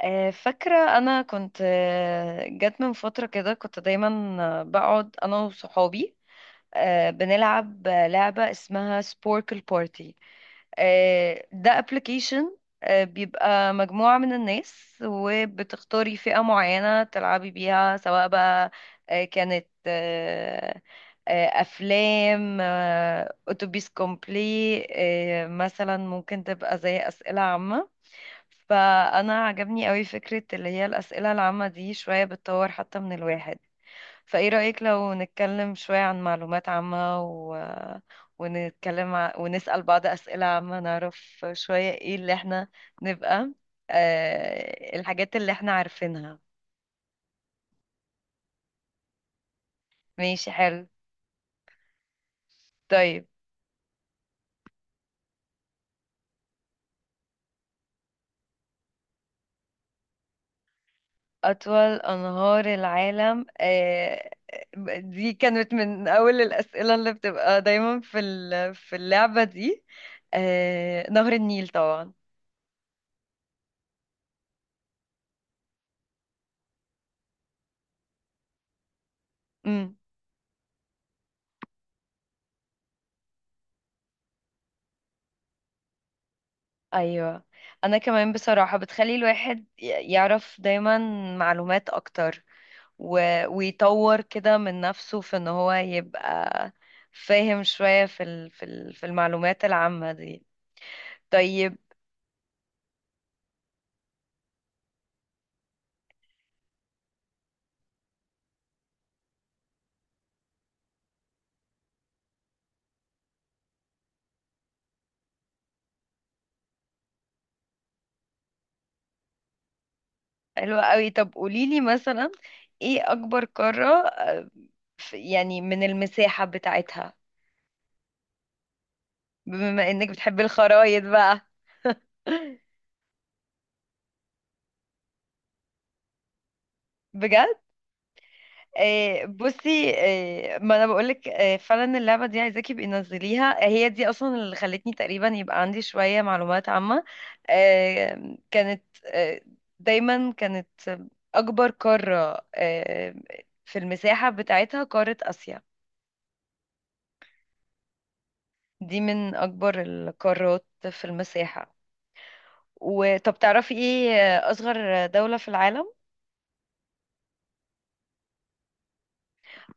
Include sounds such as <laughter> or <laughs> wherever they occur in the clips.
فاكرة أنا كنت، جت من فترة كده كنت دايما بقعد أنا وصحابي، بنلعب لعبة اسمها سبوركل بارتي. ده ابلكيشن. بيبقى مجموعة من الناس وبتختاري فئة معينة تلعبي بيها، سواء بقى كانت أفلام، أتوبيس كومبلي. مثلا ممكن تبقى زي أسئلة عامة. فانا عجبني قوي فكرة اللي هي الأسئلة العامة دي، شوية بتطور حتى من الواحد. فايه رأيك لو نتكلم شوية عن معلومات عامة ونتكلم ونسأل بعض أسئلة عامة، نعرف شوية ايه اللي احنا نبقى الحاجات اللي احنا عارفينها. ماشي، حلو. طيب. أطول أنهار العالم، دي كانت من أول الأسئلة اللي بتبقى دايما في اللعبة دي. نهر النيل طبعا. امم أيوة. أنا كمان بصراحة بتخلي الواحد يعرف دايما معلومات أكتر، ويطور كده من نفسه في إن هو يبقى فاهم شوية في المعلومات العامة دي. طيب. حلوة قوي. طب قوليلي مثلا، ايه اكبر قارة؟ يعني من المساحة بتاعتها، بما انك بتحبي الخرايط بقى. <laughs> بجد؟ بصي. ما انا بقولك، فعلا اللعبة دي عايزاكي يبقي نزليها، هي دي اصلا اللي خلتني تقريبا يبقى عندي شوية معلومات عامة. كانت دايما كانت اكبر قارة في المساحة بتاعتها قارة اسيا. دي من اكبر القارات في المساحة. وطب تعرفي ايه اصغر دولة في العالم؟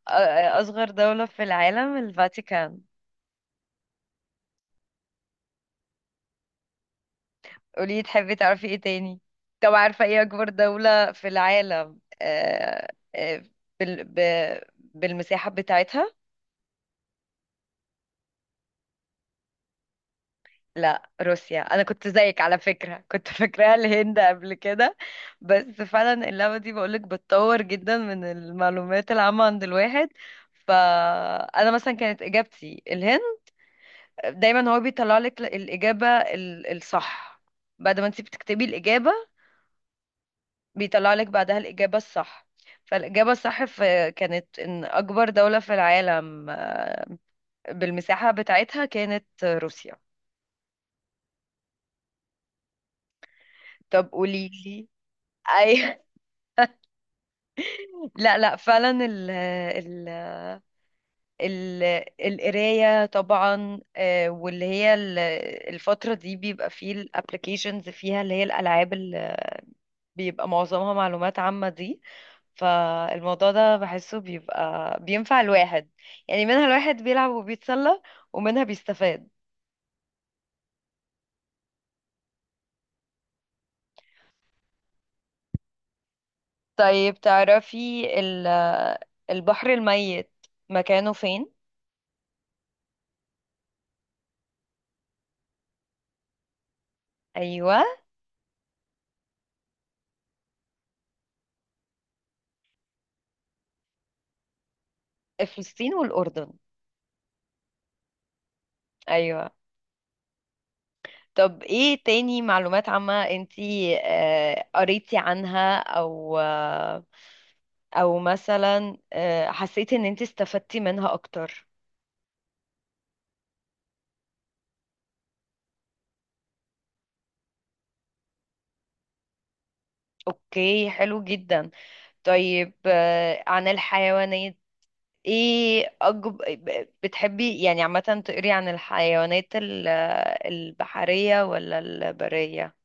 أصغر دولة في العالم الفاتيكان. قولي، تحبي تعرفي ايه تاني؟ طب عارفة ايه أكبر دولة في العالم؟ آه، بال... ب... بالمساحة بتاعتها؟ لا، روسيا. أنا كنت زيك على فكرة، كنت <laughs> فاكراها الهند قبل كده. بس فعلا اللعبة دي بقولك بتطور جدا من المعلومات العامة عند الواحد. فأنا مثلا كانت إجابتي الهند. دايما هو بيطلع لك الإجابة الصح، بعد ما انت بتكتبي الإجابة بيطلع لك بعدها الإجابة الصح. فالإجابة الصح في كانت إن أكبر دولة في العالم، بالمساحة بتاعتها كانت روسيا. طب قولي لي. أي. <laughs> لا، لا، فعلا ال ال ال القراية طبعا، واللي هي الفترة دي بيبقى فيه الابلكيشنز، فيها اللي هي الألعاب اللي بيبقى معظمها معلومات عامة دي. فالموضوع ده بحسه بيبقى بينفع الواحد. يعني منها الواحد بيلعب وبيتسلى، ومنها بيستفاد. طيب، تعرفي البحر الميت مكانه فين؟ أيوة. فلسطين والأردن. أيوة. طب ايه تاني معلومات عامة انتي قريتي عنها، او او مثلا حسيتي ان انتي استفدتي منها اكتر؟ اوكي، حلو جدا. طيب، عن الحيوانات. ايه بتحبي يعني عامة تقري عن الحيوانات، البحرية ولا البرية؟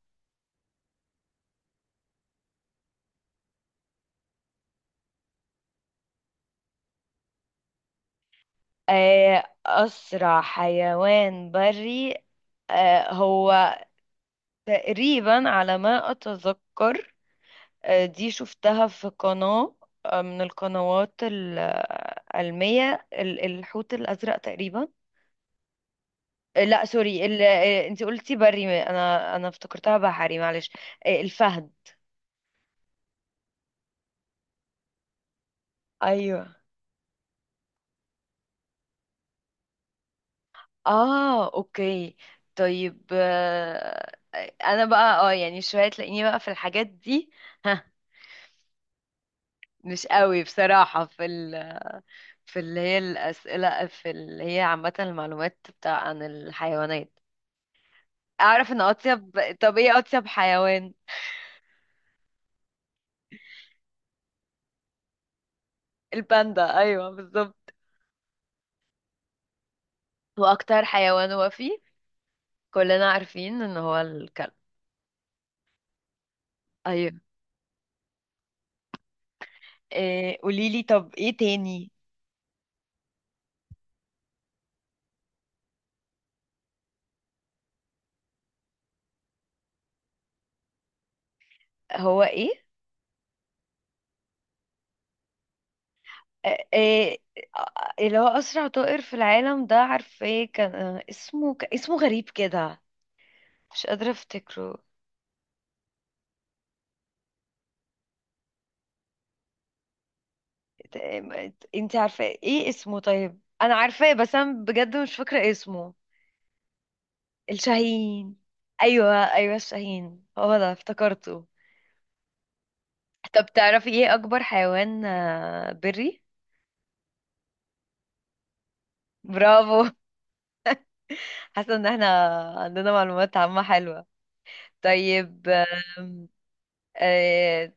أسرع حيوان بري. هو تقريبا على ما أتذكر، دي شفتها في قناة، من القنوات العلمية، الحوت الأزرق تقريبا. لا، سوري، انتي قلتي بري، انا افتكرتها بحري، معلش. الفهد. أيوه. اه، اوكي. طيب، انا بقى اه يعني شويه تلاقيني بقى في الحاجات دي. ها. مش قوي بصراحه في اللي هي الاسئله، في اللي هي عامه المعلومات بتاع عن الحيوانات. اعرف ان اطيب. طب ايه اطيب حيوان؟ الباندا، ايوه بالظبط. هو اكتر حيوان، وفي كلنا عارفين ان هو الكلب. ايوه. إيه، قوليلي طب ايه تاني؟ هو ايه؟ آه، آه، اللي هو أسرع طائر في العالم ده، عارفة ايه كان؟ اسمه اسمه غريب كده، مش قادرة افتكره. انت عارفة ايه اسمه؟ طيب انا عارفاه، بس انا بجد مش فاكرة اسمه. الشاهين. ايوه، ايوه، الشاهين هو ده افتكرته. طب تعرفي ايه اكبر حيوان بري؟ برافو. <laughs> حاسة ان احنا عندنا معلومات عامة حلوة. طيب. آم، آه،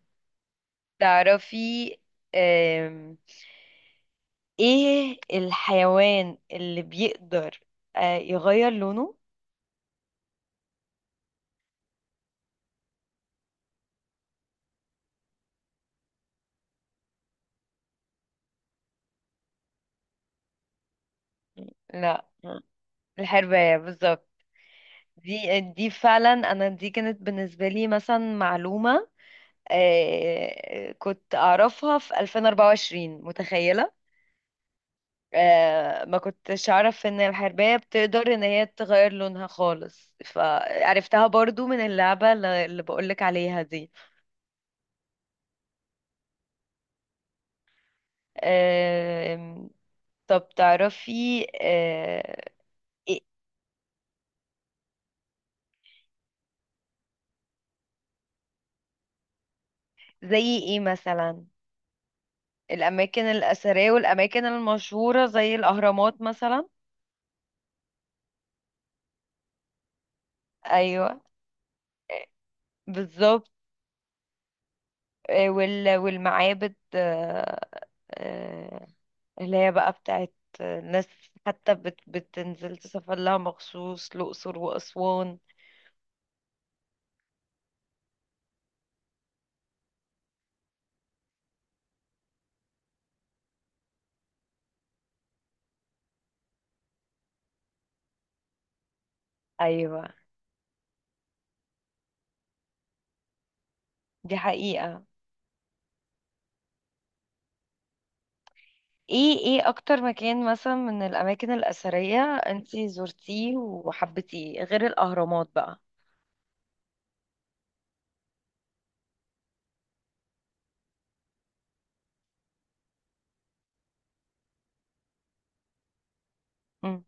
تعرفي آم، ايه الحيوان اللي بيقدر يغير لونه؟ لا. الحرباية، بالظبط. دي فعلا، انا دي كانت بالنسبة لي مثلا معلومة. كنت اعرفها في 2024، متخيلة. ما كنتش اعرف ان الحرباية بتقدر ان هي تغير لونها خالص، فعرفتها برضو من اللعبة اللي بقولك عليها دي. آم، طب تعرفي إيه. زي ايه مثلا؟ الاماكن الاثريه والاماكن المشهوره زي الاهرامات مثلا. ايوه، بالظبط. والمعابد، آه، اللي هي بقى بتاعت ناس، حتى بتنزل تسافر لها مخصوص، الاقصر واسوان. ايوه. دي حقيقه. ايه اكتر مكان مثلا من الاماكن الاثريه انتي زرتيه وحبيتيه غير الاهرامات بقى؟ مم.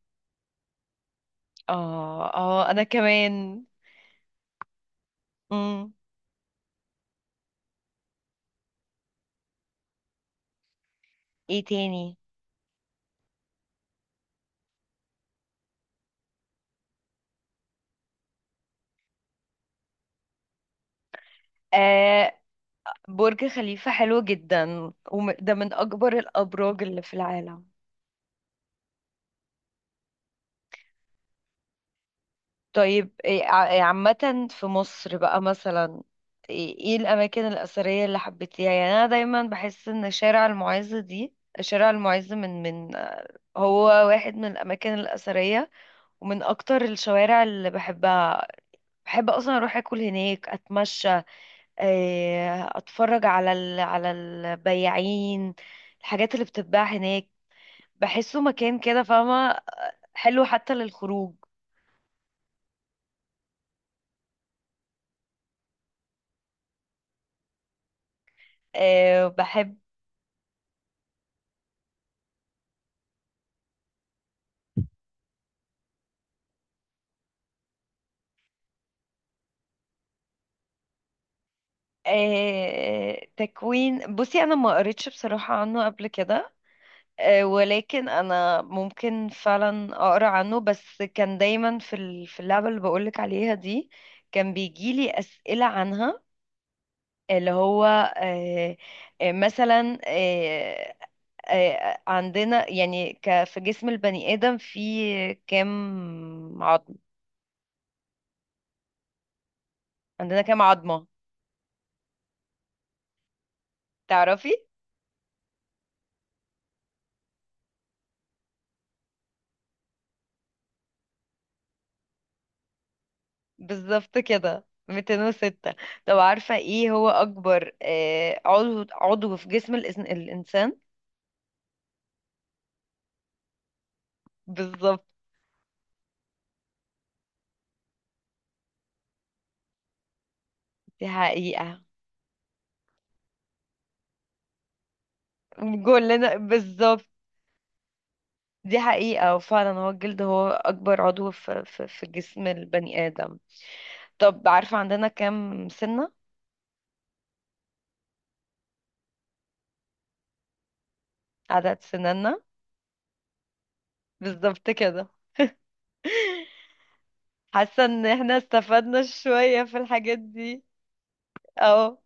اه، اه، انا كمان. ايه تاني؟ آه برج خليفة حلو جدا، وده من اكبر الابراج اللي في العالم. طيب إيه إيه عامة في مصر بقى مثلا، ايه الاماكن الاثرية اللي حبيتيها؟ يعني انا دايما بحس ان شارع المعز دي، شارع المعز من هو واحد من الاماكن الاثرية، ومن اكتر الشوارع اللي بحبها. بحب اصلا اروح اكل هناك، اتمشى، إيه، اتفرج على البياعين، الحاجات اللي بتتباع هناك. بحسه مكان كده، فاهمة، حلو حتى للخروج. أه، بحب. أه، تكوين. بصي، أنا ما قريتش بصراحة عنه قبل كده. أه ولكن أنا ممكن فعلا أقرأ عنه، بس كان دايما في اللعبة اللي بقولك عليها دي كان بيجيلي أسئلة عنها، اللي هو مثلا عندنا يعني، في جسم البني آدم في كام عظم، عندنا كام عظمة؟ تعرفي. بالظبط كده، 206. طب عارفة ايه هو أكبر عضو في جسم الإنسان؟ بالظبط. دي حقيقة. كلنا بالظبط. دي حقيقة. وفعلا هو الجلد هو أكبر عضو في جسم البني آدم. طب عارفة عندنا كام سنة، عدد سنانا؟ بالظبط كده. <laughs> حاسة ان احنا استفدنا شوية في الحاجات دي. اه،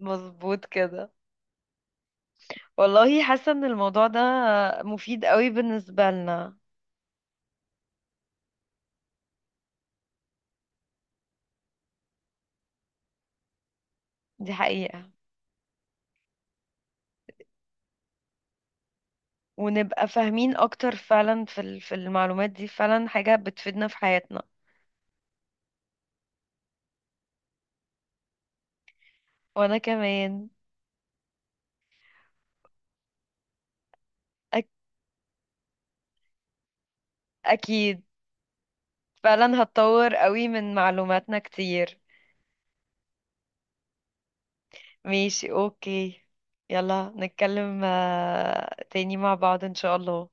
مظبوط كده. والله، حاسة ان الموضوع ده مفيد قوي بالنسبة لنا. دي حقيقة. ونبقى فاهمين اكتر فعلا في المعلومات دي، فعلا حاجة بتفيدنا في حياتنا. وانا كمان. أك اكيد. فعلا هتطور قوي من معلوماتنا كتير. ماشي، اوكي. يلا نتكلم تاني مع بعض ان شاء الله.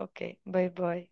اوكي، باي، باي.